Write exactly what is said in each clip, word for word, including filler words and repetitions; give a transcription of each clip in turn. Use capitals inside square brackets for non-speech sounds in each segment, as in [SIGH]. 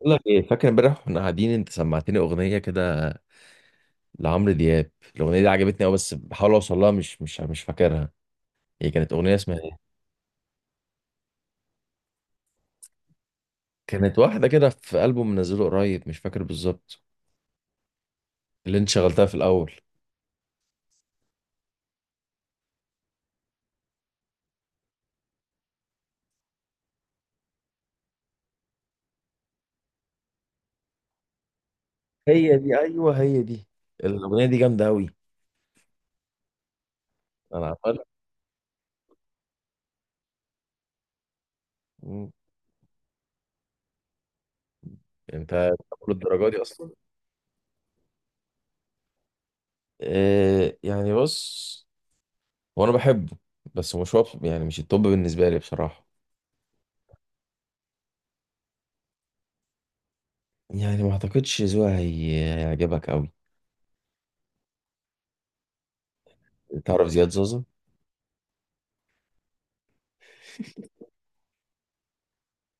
بقول لك ايه، فاكر امبارح واحنا قاعدين انت سمعتني اغنيه كده لعمرو دياب؟ الاغنيه دي عجبتني قوي بس بحاول اوصل لها، مش مش مش فاكرها. هي كانت اغنيه اسمها ايه؟ كانت واحده كده في البوم منزله قريب، مش فاكر بالظبط اللي انت شغلتها في الاول. هي دي، ايوه هي دي. الاغنيه دي جامده قوي. انا عمال. مم. انت بتقول الدرجه دي اصلا؟ إيه يعني؟ بص، هو انا بحبه بس مش هو يعني، مش التوب بالنسبه لي بصراحه. يعني ما اعتقدش ذوقها هي- هيعجبك قوي. تعرف زياد زوزة؟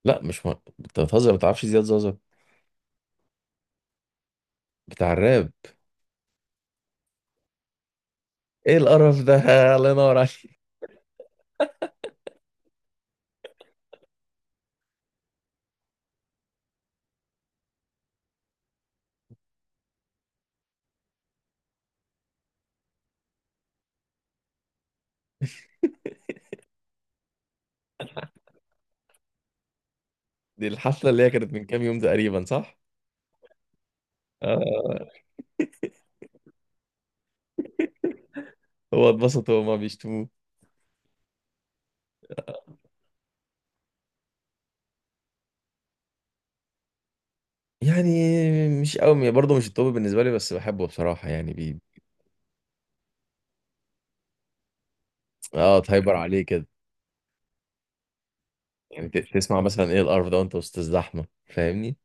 لا مش م... انت بتهزر ما تعرفش زياد زازا بتاع الراب؟ ايه القرف ده! [LAUGHS] الله ينور عليك. دي الحفله اللي هي كانت من كام يوم تقريبا، صح؟ آه. هو اتبسط وهما بيشتموه. يعني مش قوي يعني، برضه مش التوب بالنسبه لي بس بحبه بصراحه، يعني بي... اه، تهايبر عليه كده. يعني ت- تسمع مثلا ايه القرف ده وانت وسط الزحمه، فاهمني؟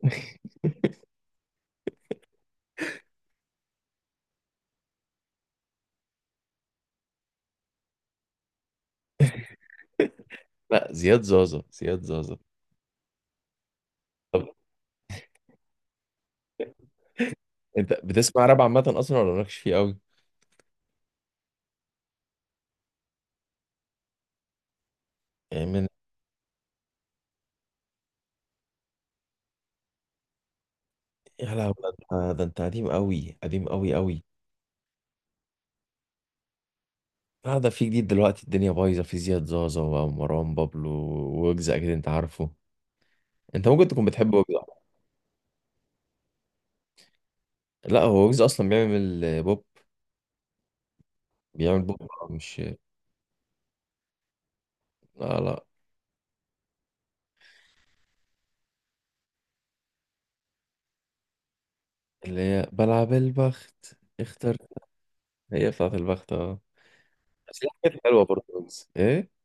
[LAUGHS] لا، زياد زازا، زياد زازا. طب انت بتسمع راب عامه اصلا ولا مالكش فيه قوي؟ يعني من. يا لهوي، ده انت ده انت قديم قوي، قديم قوي قوي. لا ده في جديد دلوقتي، الدنيا بايظه. في زياد زازا ومروان بابلو وويجز، اكيد انت عارفه. انت ممكن تكون بتحب ويجز. لا هو ويجز اصلا بيعمل بوب. بيعمل بوب مش. لا لا. اللي هي بلعب البخت، اختر. هي بتاعت البخت، اه. بس ليها حاجات حلوه برضه ويجز، ايه.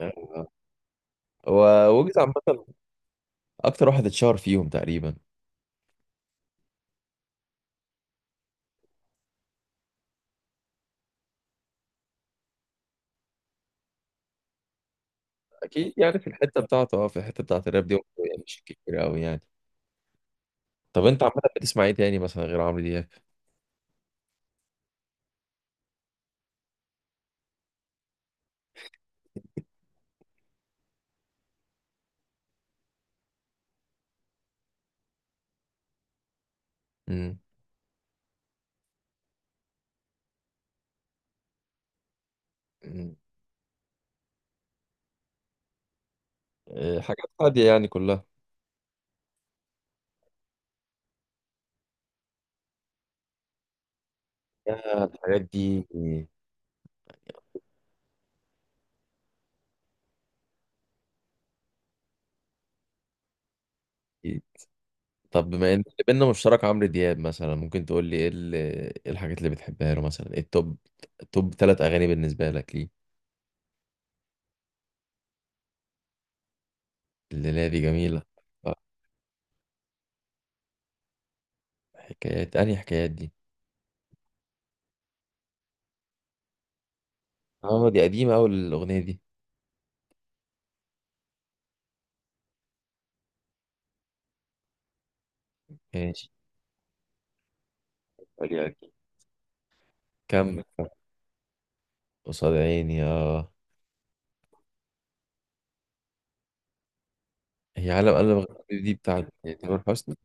آه. هو ويجز عامه اكتر واحد اتشهر فيهم تقريبا. اكيد يعني في الحته بتاعته، اه، في الحته بتاعت الراب دي هو يعني مش كتير قوي يعني. طب انت عامه بتسمع ايه تاني مثلا غير عمرو دياب؟ امم. آه، حاجات هادية يعني كلها. يا الحاجات دي. طب بما ان اللي بينا مشترك عمرو دياب، مثلا ممكن تقول لي ايه ال- إيه الحاجات اللي بتحبها له، مثلا ايه التوب؟ توب ثلاث اغاني بالنسبة لك ليه؟ اللي لا دي جميلة. آه، حكايات. انهي حكايات دي؟ اه دي قديمة اوي الاغنية دي. ماشي. قولي أكيد. كمل. قصاد عيني، اه. هي عالم قلب غريب دي بتاعت تامر حسني.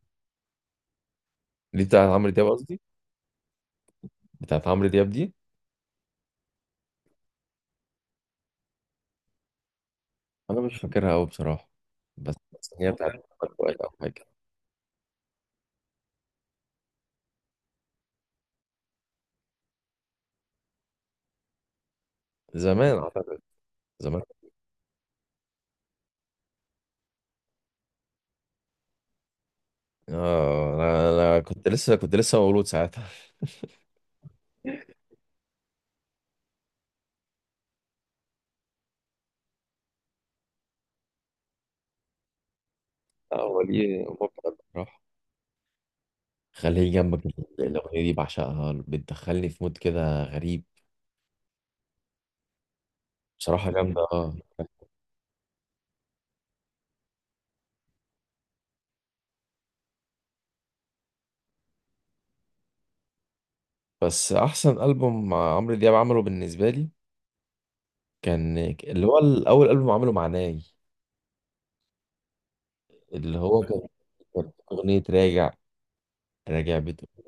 دي بتاعت عمرو دياب قصدي. بتاعت عمرو دياب دي. انا مش فاكرها قوي بصراحة. بس بس هي بتاعت أحمد فؤاد أو حاجة. زمان اعتقد. زمان. اه انا انا كنت لسه كنت لسه مولود ساعتها. [LAUGHS] اه ولي ممكن راح. خليه جنبك. الاغنيه دي بعشقها، بتدخلني في مود كده غريب. بصراحه جامده، اه. بس احسن البوم مع عمرو دياب عمله بالنسبه لي كان، اللي هو الاول البوم عمله مع ناي. اللي هو كان. كان اغنيه راجع. راجع بتقول،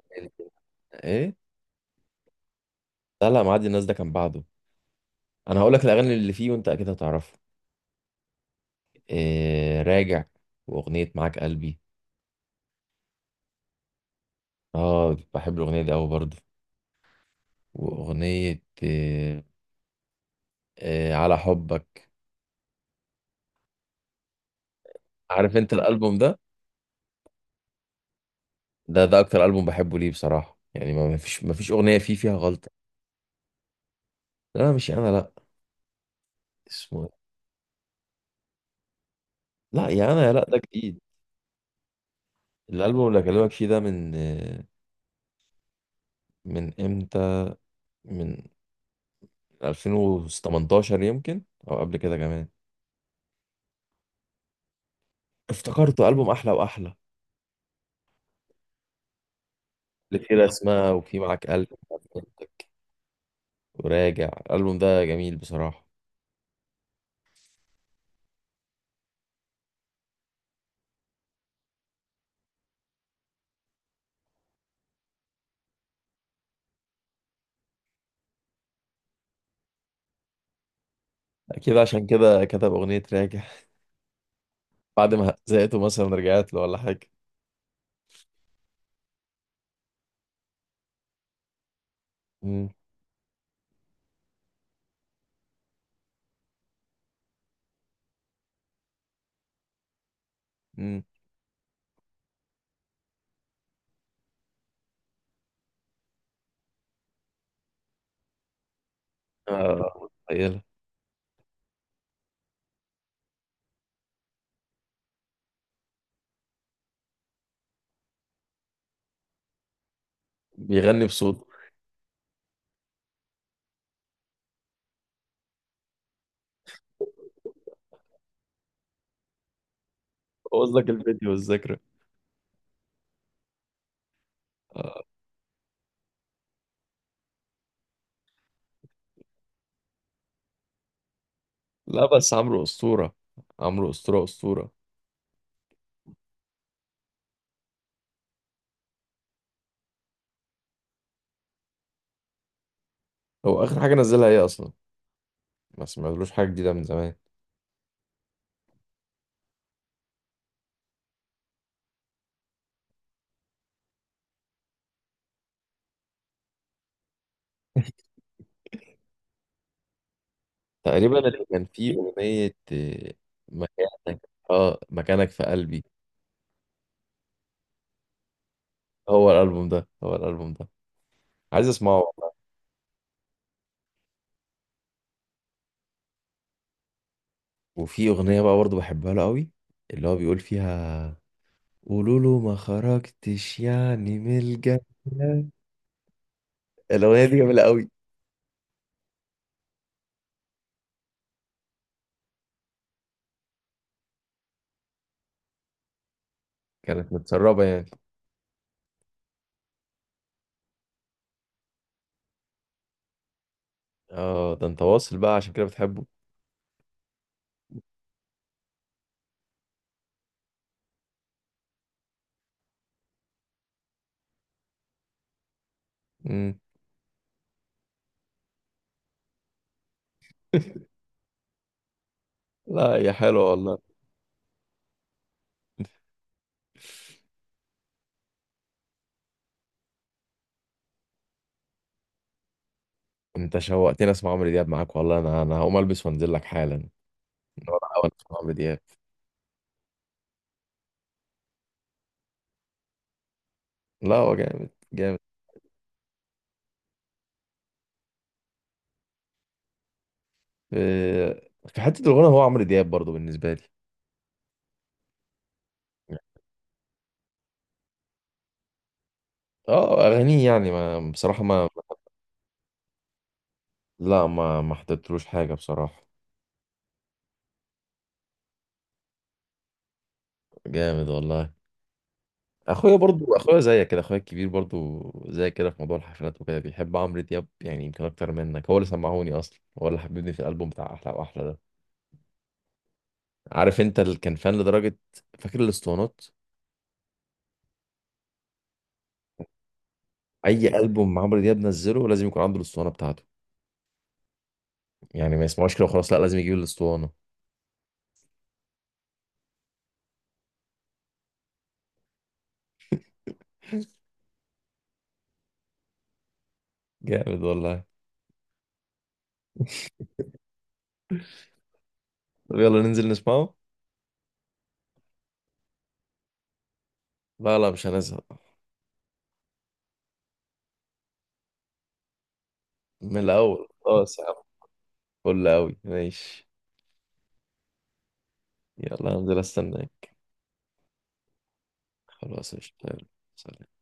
ايه. لا لا، معدي الناس ده كان بعده. انا هقول لك الاغاني اللي فيه وانت اكيد هتعرفها. إيه راجع. واغنية معاك قلبي. اه بحب الاغنية دي اوي برضه. واغنية إيه، إيه على حبك. عارف انت الالبوم ده؟ ده ده اكتر البوم بحبه ليه بصراحة، يعني ما ما فيش ما فيش اغنية فيه فيها غلطة. لا مش انا لا. اسمه إيه؟ لا يا انا يا لا ده جديد. الالبوم اللي اكلمك فيه ده من، آه، من امتى، من ألفين وتمنتاشر يمكن، او قبل كده كمان. افتكرته البوم احلى واحلى. اللي فيه رسمه وفيه معاك قلب وراجع، الالبوم ده جميل بصراحه. اكيد عشان كده كتب اغنيه راجع. بعد ما زهقته مثلا رجعت له ولا حاجه. امم امم آه، متخيله. بيغني بصوت. بوظ لك الفيديو والذكرى. آه. لا بس عمرو اسطوره. عمرو اسطوره، اسطوره. هو اخر حاجه نزلها ايه اصلا؟ ما سمعتلوش حاجه جديده من زمان. تقريبا اللي كان فيه اغنيه آه، مكانك، اه مكانك في قلبي. هو الالبوم ده، هو الالبوم ده عايز اسمعه. وفي أغنية بقى برضه بحبها له قوي، اللي هو بيقول فيها: قولوا له ما خرجتش يعني من الجنة. الأغنية دي جميلة قوي. كانت متسربة يعني. اه ده انت واصل بقى عشان كده بتحبه. مم. [LAUGHS] لا يا حلوة والله. انت شوقتني، اسمع عمرو دياب معاك والله، انا انا هقوم البس وانزل لك حالا. انا اول اسمع عمرو دياب. لا هو جامد، جامد. في في حتة الغنى هو عمرو دياب برضه بالنسبة لي. اه اغانيه يعني، ما بصراحة ما. لا، ما ما حضرتلوش حاجة بصراحة. جامد والله. اخويا برضو، اخويا زيك كده، اخويا الكبير برضو. زي كده في موضوع الحفلات وكده بيحب عمرو دياب يعني يمكن اكتر منك. هو اللي سمعوني اصلا، هو اللي حببني في الالبوم بتاع احلى واحلى ده. عارف انت اللي كان فان لدرجة؟ فاكر الاسطوانات. اي البوم عمرو دياب نزله لازم يكون عنده الاسطوانة بتاعته. يعني ما يسمعوش كده وخلاص، لا لازم يجيب الاسطوانة. جامد والله. طب يلا ننزل نسمعه. لا لا مش هنزهق. من الاول خلاص يا عم. فل قوي، ماشي. يلا هنزل، استنى. خلاص قشطة، يلا. سلام.